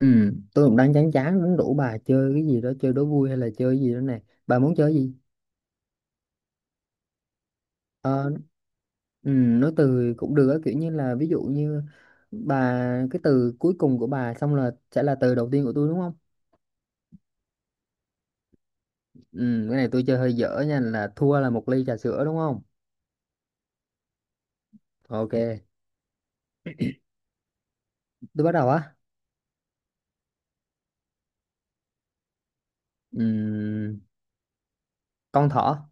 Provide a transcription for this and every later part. Ừ, tôi cũng đang chán chán muốn rủ bà chơi cái gì đó, chơi đố vui hay là chơi cái gì đó nè. Bà muốn chơi gì? ờ ừ, nói từ cũng được á, kiểu như là ví dụ như bà, cái từ cuối cùng của bà xong là sẽ là từ đầu tiên của tôi, đúng không? Ừ, cái này tôi chơi hơi dở nha, là thua là một ly trà sữa đúng không? Ok, tôi bắt đầu á. Ừ, con thỏ.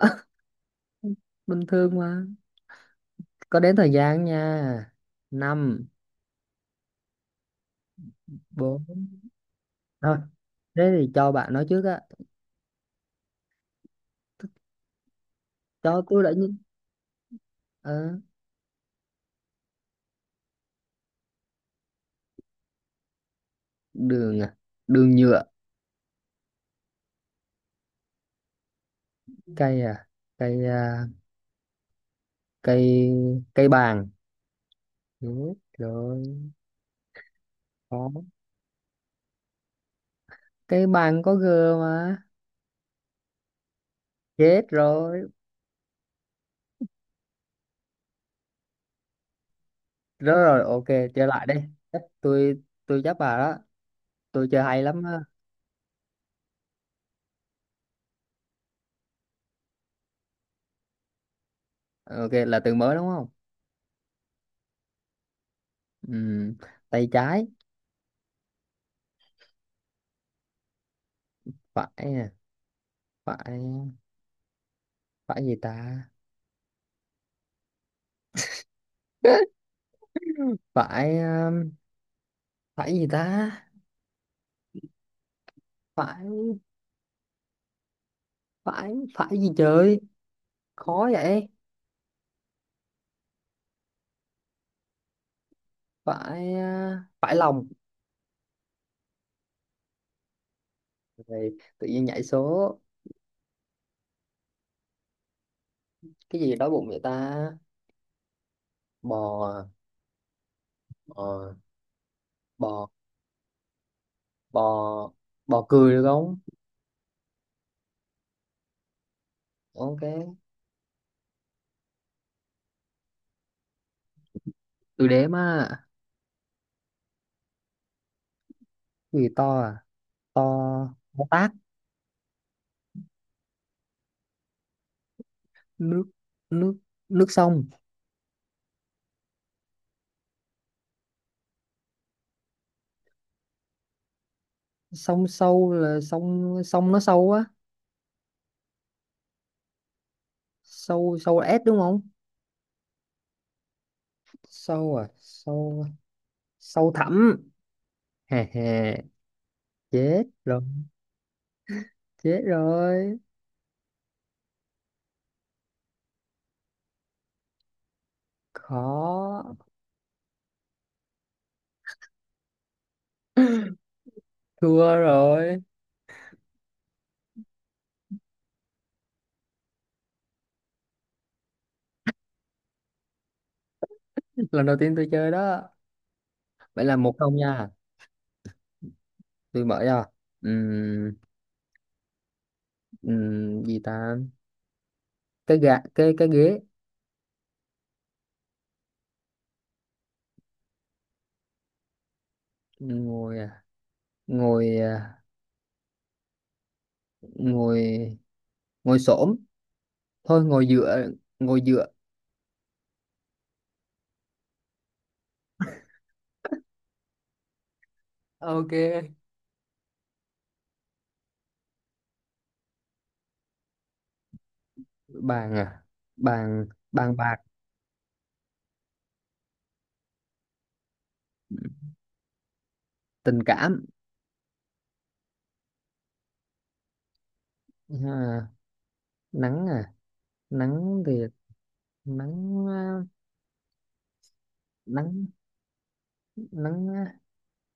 Bình thường mà. Có đến thời gian nha. Năm, bốn, thôi thế thì cho bạn nói trước á. Cho tôi đã nhìn. Ờ. Đường à? Đường nhựa. Cây à, cây à, cây, cây bàn. Đúng rồi. Có cây bàn có g mà. Chết rồi. Rồi rồi, ok. Chơi lại đi. Chắc tôi chắc bà đó. Tôi chơi hay lắm á. Ok, là từ mới đúng không? Ừm, tay trái. Phải à, phải, phải gì ta? Phải phải gì ta? Phải, phải, phải gì trời? Khó vậy. Phải phải lòng. Rồi, tự nhiên nhảy số cái gì đói bụng vậy ta? Bò à? Ờ, bò, bò, bò cười được không? Ok, từ đếm á. Cái gì to à? To, to tát. Nước, nước, nước sông. Sông sâu là sông sông nó sâu á. Sâu, sâu là S đúng không? Sâu à, sâu, sâu thẳm. Hè hè, chết rồi, chết rồi. Khó. Thua rồi. Lần đầu tiên tôi chơi đó. Vậy là một không nha. Tôi mở ra. Ừm, gì ta? Cái gạ, cái ghế. Ngồi à, ngồi à, ngồi, ngồi xổm, thôi ngồi dựa, ngồi dựa. Ok. Bàn à, bàn bàn bạc. Tình cảm. À, nắng à, nắng thì, nắng à, nắng, nắng à,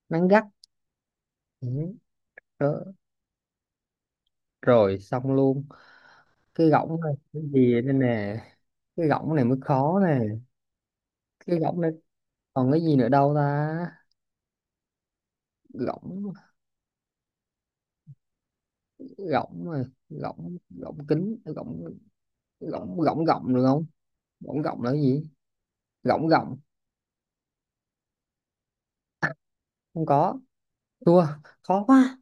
nắng gắt. Ừ, đó. Rồi xong luôn. Cái gỗng này cái gì đây nè? Cái gỗng này mới khó nè. Cái gỗng này, còn cái gì nữa đâu ta? Gọng, gọng mà. Gọng, gọng kính, gọng, gọng, gọng, gọng được không? Gọng, gọng là cái gì? Gọng, gọng không có. Thua. Khó quá.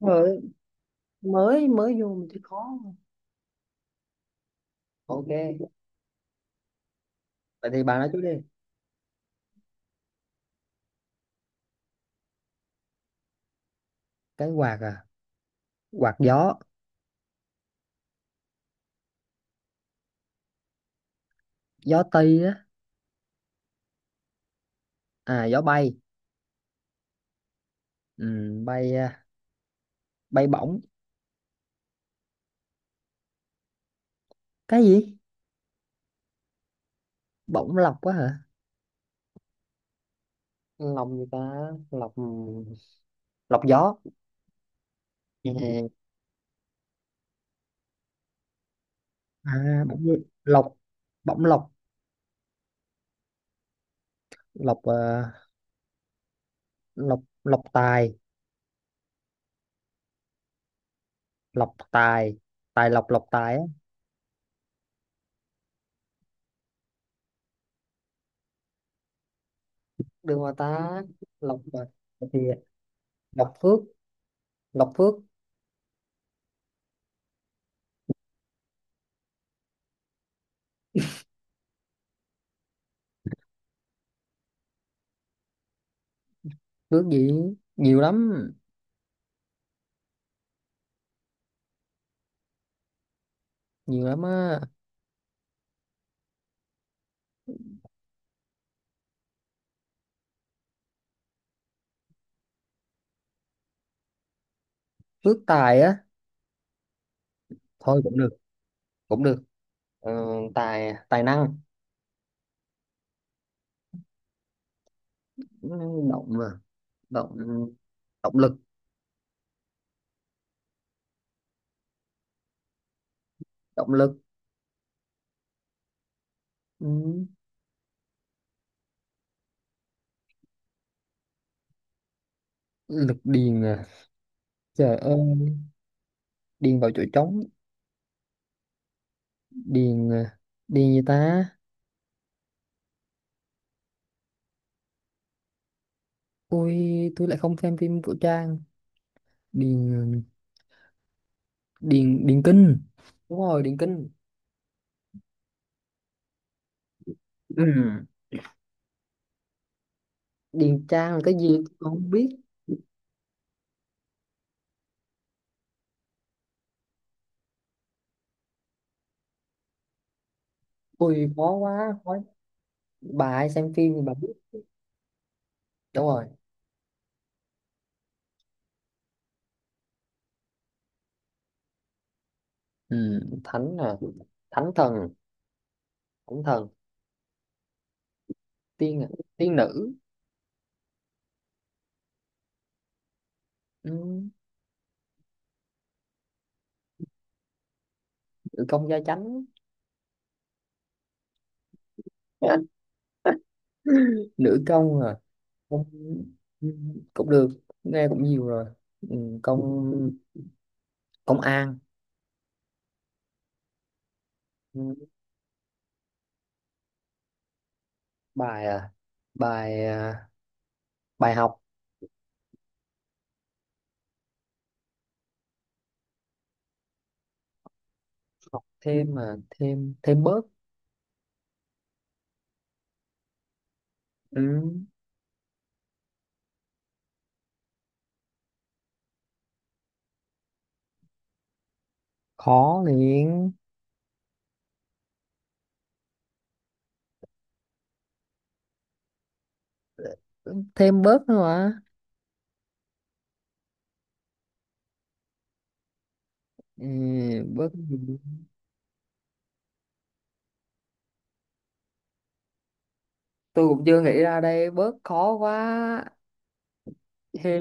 Mới mới mới vô mình thấy khó. Ok, vậy thì bà nói trước đi. Cái quạt à? Quạt gió. Gió tây á. À, gió bay. Ừ, bay à, bay bổng. Cái gì? Bổng lọc quá hả? Lọc gì ta, lọc, lọc gió. Ừ. À bổng lọc, bổng lọc. Lọc à, lọc, lọc tài. Lọc tài, tài lọc, lọc tài á. Được mà ta. Lọc mà. Thì lọc phước, lọc phước. Phước gì, nhiều lắm, nhiều lắm á. Phước tài á. Thôi cũng được, cũng được. Ờ, tài, tài năng. Ừ, động mà, động, động lực, động lực. Ừ, lực điền à. Trời ơi, điền vào chỗ trống. Điền à. Điền gì ta? Ui, tôi lại không xem phim của Trang. Điền, điền kinh. Đúng rồi, điền kinh. Ừ. Điền Trang là cái gì, tôi không biết. Ui khó quá, khó. Bà hay xem phim thì bà biết. Đúng rồi. Ừ, thánh à, thánh thần, thánh thần. Tiên à? Tiên nữ. Ừ, nữ công gia chánh. Nữ công à? Công. Ừ, cũng được, nghe cũng nhiều rồi. Ừ, công, công an. Ừ, bài à, bài à, bài học. Học thêm mà, thêm, thêm bớt. Ừ, khó liền. Thêm bớt nữa mà. Ừ, bớt gì? Tôi cũng chưa nghĩ ra đây, bớt khó quá. Hê,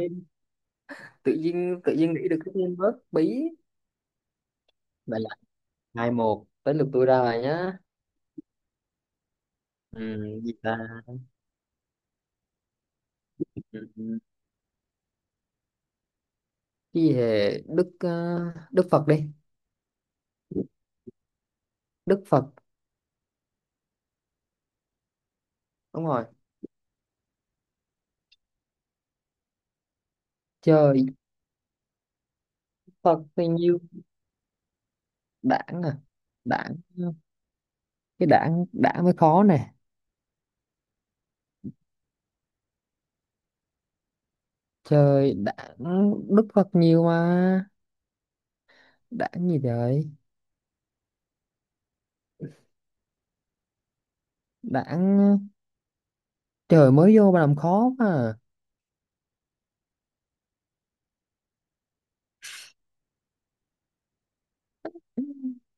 tự nhiên nghĩ được cái tên bớt bí. Vậy là, hai một tới lượt tôi ra rồi nhá. Ừ, gì ta? Ừ, cái gì hề Đức ờ, Đức Phật đi. Đức Phật. Đúng rồi. Trời. Phật bao nhiêu, đảng à, đảng, cái đảng, đảng mới khó nè. Trời, đảng. Đức Phật nhiều mà. Đảng gì trời? Đảng. Trời mới vô mà làm khó mà.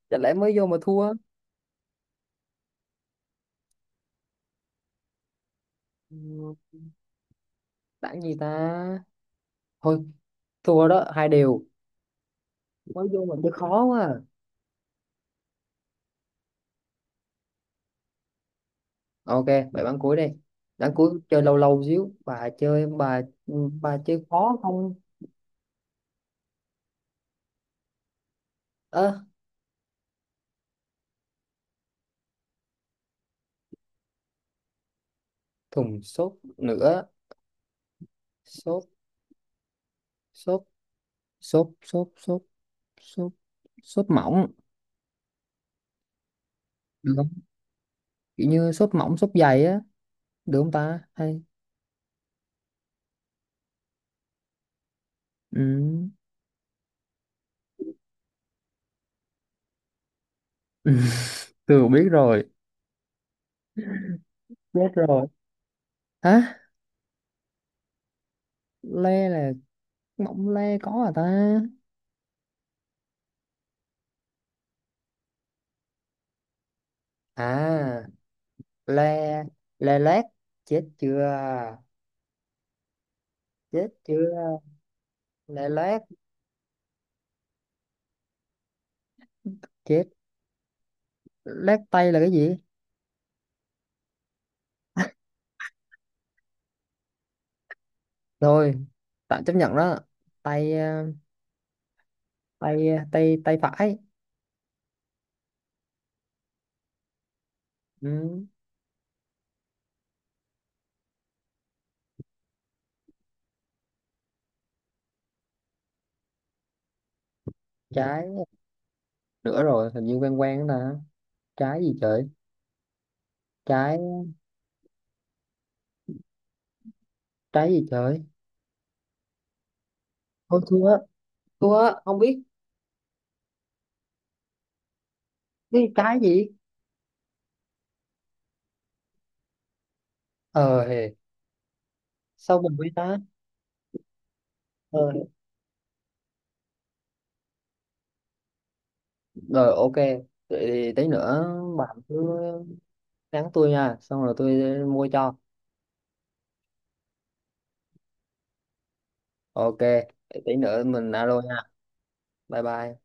Chả lẽ mới vô mà thua. Ừ, Đảng gì ta? Thôi, thua đó, hai đều. Mới vô mình chơi khó quá. À. Ok, bài bán cuối đi. Bán cuối chơi lâu lâu xíu. Bà chơi khó không? Ơ, thùng sốt nữa. Sốt, sốt, sốt, sốt, sốt, sốt, sốt mỏng. Được không? Kiểu như sốt mỏng, sốt dày á. Được không ta? Hay. Ừ. Ừ. Từ biết rồi. Biết rồi. Hả? Le là, mỏng le có à ta? À. Lê, lê lét. Chết chưa, chết chưa. Lê lét. Chết. Lét tay là cái gì? Rồi, tạm chấp nhận đó. Tay ờ, tay ờ, tay, tay phải. Ừ. Trái, nữa rồi hình như quen quen đó nè. Trái gì trời? Trái, trái gì trời? Thôi thua, thua không biết. Cái trái gì? Ờ hề. Sao mình biết ta? Ờ, rồi ok, vậy thì tí nữa bạn cứ nhắn tôi nha, xong rồi tôi mua cho. Ok, tí nữa mình alo nha. Bye bye.